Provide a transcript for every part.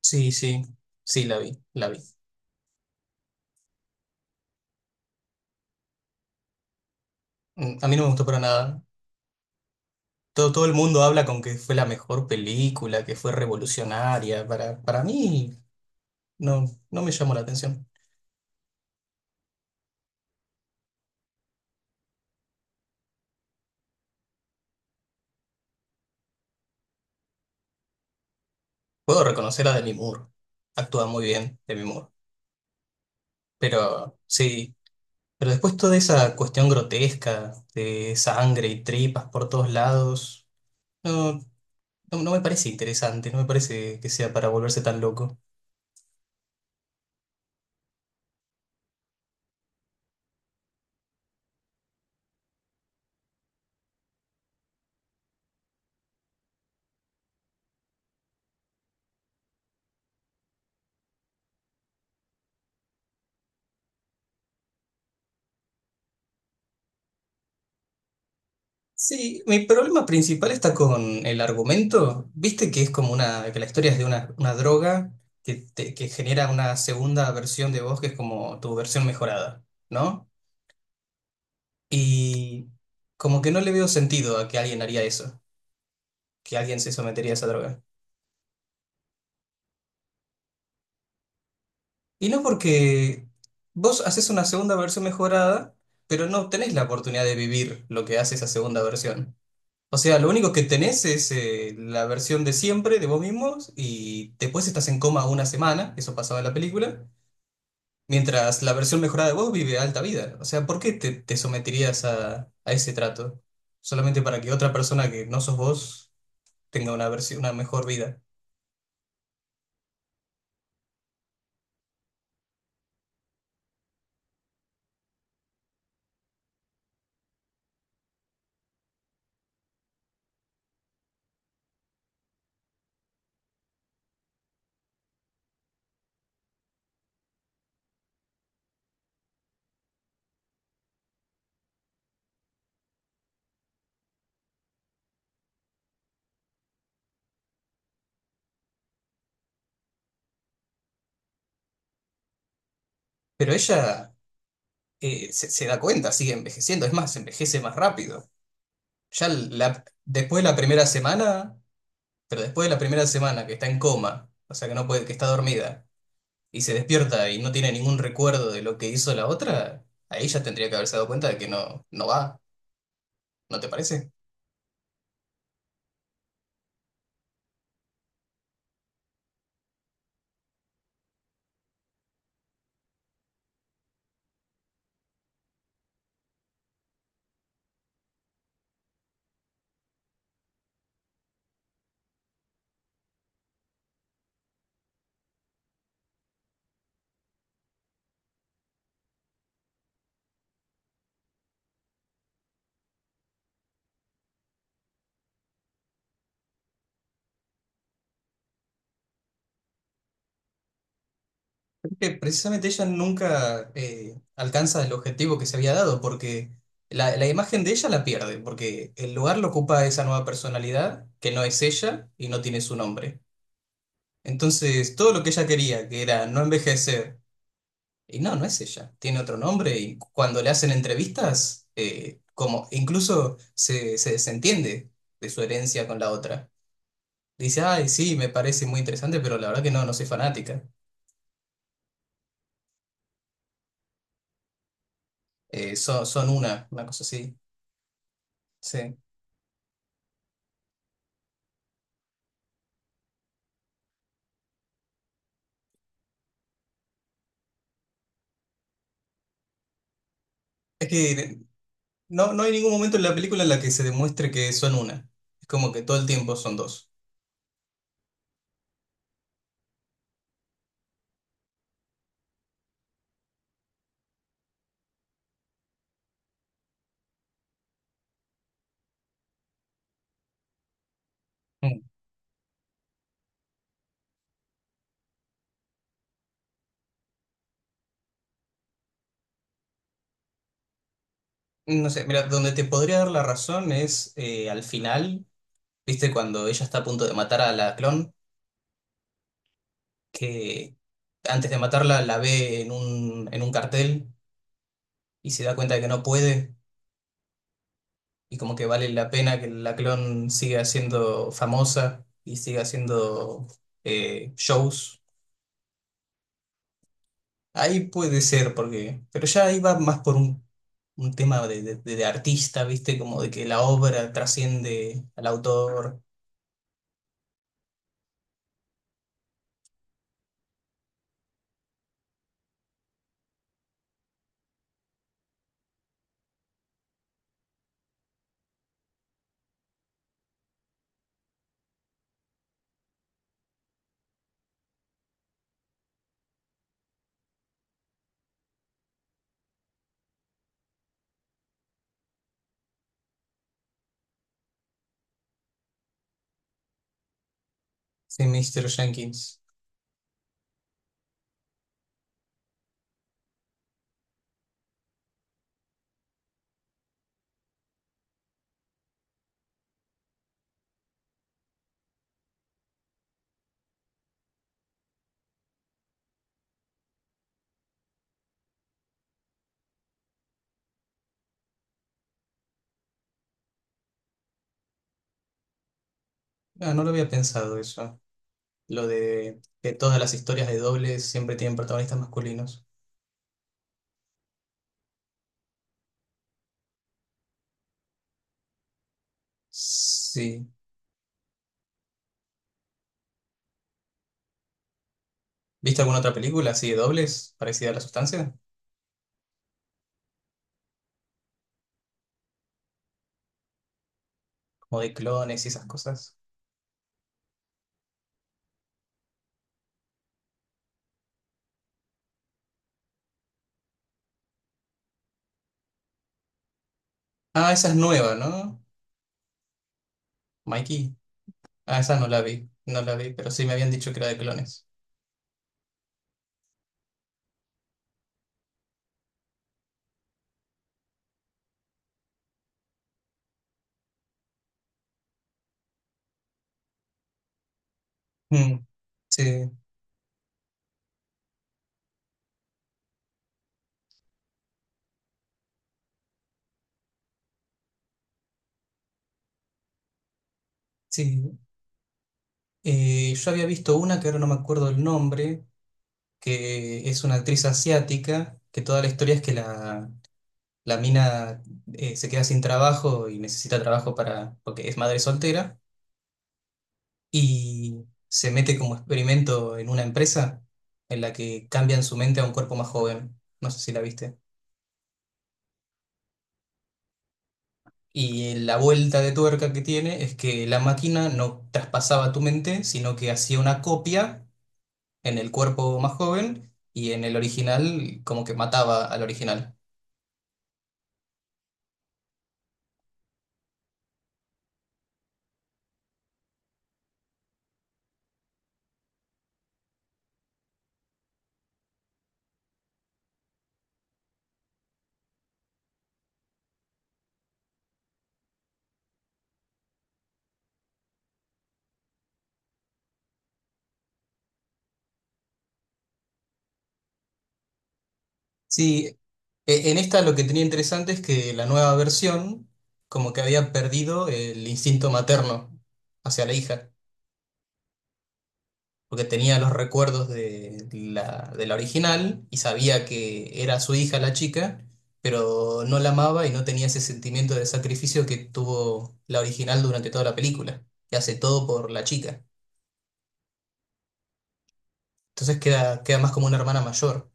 Sí, sí, sí, la vi, la vi. A mí no me gustó para nada. Todo el mundo habla con que fue la mejor película, que fue revolucionaria. Para mí no, no me llamó la atención. Puedo reconocer a Demi Moore. Actúa muy bien Demi Moore. Pero sí, pero después toda esa cuestión grotesca de sangre y tripas por todos lados, no, no, no me parece interesante, no me parece que sea para volverse tan loco. Sí, mi problema principal está con el argumento. Viste que es como una, que la historia es de una droga que genera una segunda versión de vos que es como tu versión mejorada, ¿no? Y como que no le veo sentido a que alguien haría eso, que alguien se sometería a esa droga. Y no porque vos haces una segunda versión mejorada, pero no tenés la oportunidad de vivir lo que hace esa segunda versión. O sea, lo único que tenés es la versión de siempre de vos mismos y después estás en coma una semana, eso pasaba en la película, mientras la versión mejorada de vos vive alta vida. O sea, ¿por qué te someterías a ese trato? Solamente para que otra persona que no sos vos tenga una versión, una mejor vida. Pero ella se da cuenta, sigue envejeciendo, es más, envejece más rápido. Ya la- después de la primera semana, pero después de la primera semana que está en coma, o sea que no puede, que está dormida y se despierta y no tiene ningún recuerdo de lo que hizo la otra, ahí ya tendría que haberse dado cuenta de que no, no va, ¿no te parece? Que precisamente ella nunca alcanza el objetivo que se había dado, porque la imagen de ella la pierde, porque el lugar lo ocupa esa nueva personalidad que no es ella y no tiene su nombre. Entonces, todo lo que ella quería, que era no envejecer, y no, no es ella, tiene otro nombre y cuando le hacen entrevistas, como incluso se desentiende de su herencia con la otra. Dice, ay, sí, me parece muy interesante, pero la verdad que no, no soy fanática. Son una cosa así. Sí. Es que no, no hay ningún momento en la película en la que se demuestre que son una. Es como que todo el tiempo son dos. Mm. No sé, mira, donde te podría dar la razón es al final, viste, cuando ella está a punto de matar a la clon, que antes de matarla la ve en un cartel y se da cuenta de que no puede y como que vale la pena que la clon siga siendo famosa y siga haciendo shows. Ahí puede ser, porque, pero ya ahí va más por un tema de artista, ¿viste? Como de que la obra trasciende al autor. Sí, Mr. Jenkins. Ah, no lo había pensado eso. Lo de que todas las historias de dobles siempre tienen protagonistas masculinos. Sí. ¿Viste alguna otra película así de dobles, parecida a La Sustancia? Como de clones y esas cosas. Ah, esa es nueva, ¿no? Mikey. Ah, esa no la vi, no la vi, pero sí me habían dicho que era de clones. Mm, sí, sí. Yo había visto una que ahora no me acuerdo el nombre, que es una actriz asiática, que toda la historia es que la mina se queda sin trabajo y necesita trabajo para, porque es madre soltera, y se mete como experimento en una empresa en la que cambian su mente a un cuerpo más joven. No sé si la viste. Y la vuelta de tuerca que tiene es que la máquina no traspasaba tu mente, sino que hacía una copia en el cuerpo más joven y en el original como que mataba al original. Sí, e- en esta lo que tenía interesante es que la nueva versión como que había perdido el instinto materno hacia la hija, porque tenía los recuerdos de la original y sabía que era su hija la chica, pero no la amaba y no tenía ese sentimiento de sacrificio que tuvo la original durante toda la película, que hace todo por la chica. Entonces queda más como una hermana mayor.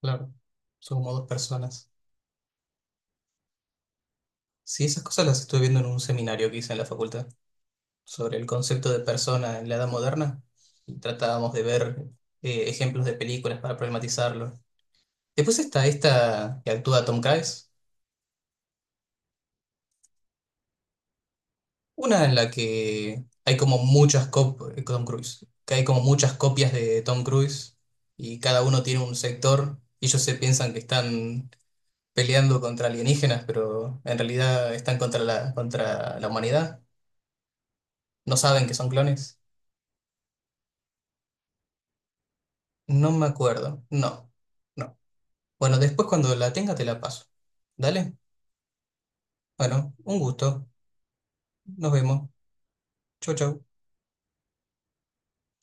Claro, son como dos personas. Sí, esas cosas las estuve viendo en un seminario que hice en la facultad sobre el concepto de persona en la edad moderna. Y tratábamos de ver ejemplos de películas para problematizarlo. Después está esta que actúa Tom Cruise, una en la que hay como muchas copias, Tom Cruise, que hay como muchas copias de Tom Cruise, y cada uno tiene un sector y ellos se piensan que están peleando contra alienígenas, pero en realidad están contra la humanidad. No saben que son clones. No me acuerdo. No, no. Bueno, después cuando la tenga te la paso. Dale. Bueno, un gusto. Nos vemos. Chau, chau.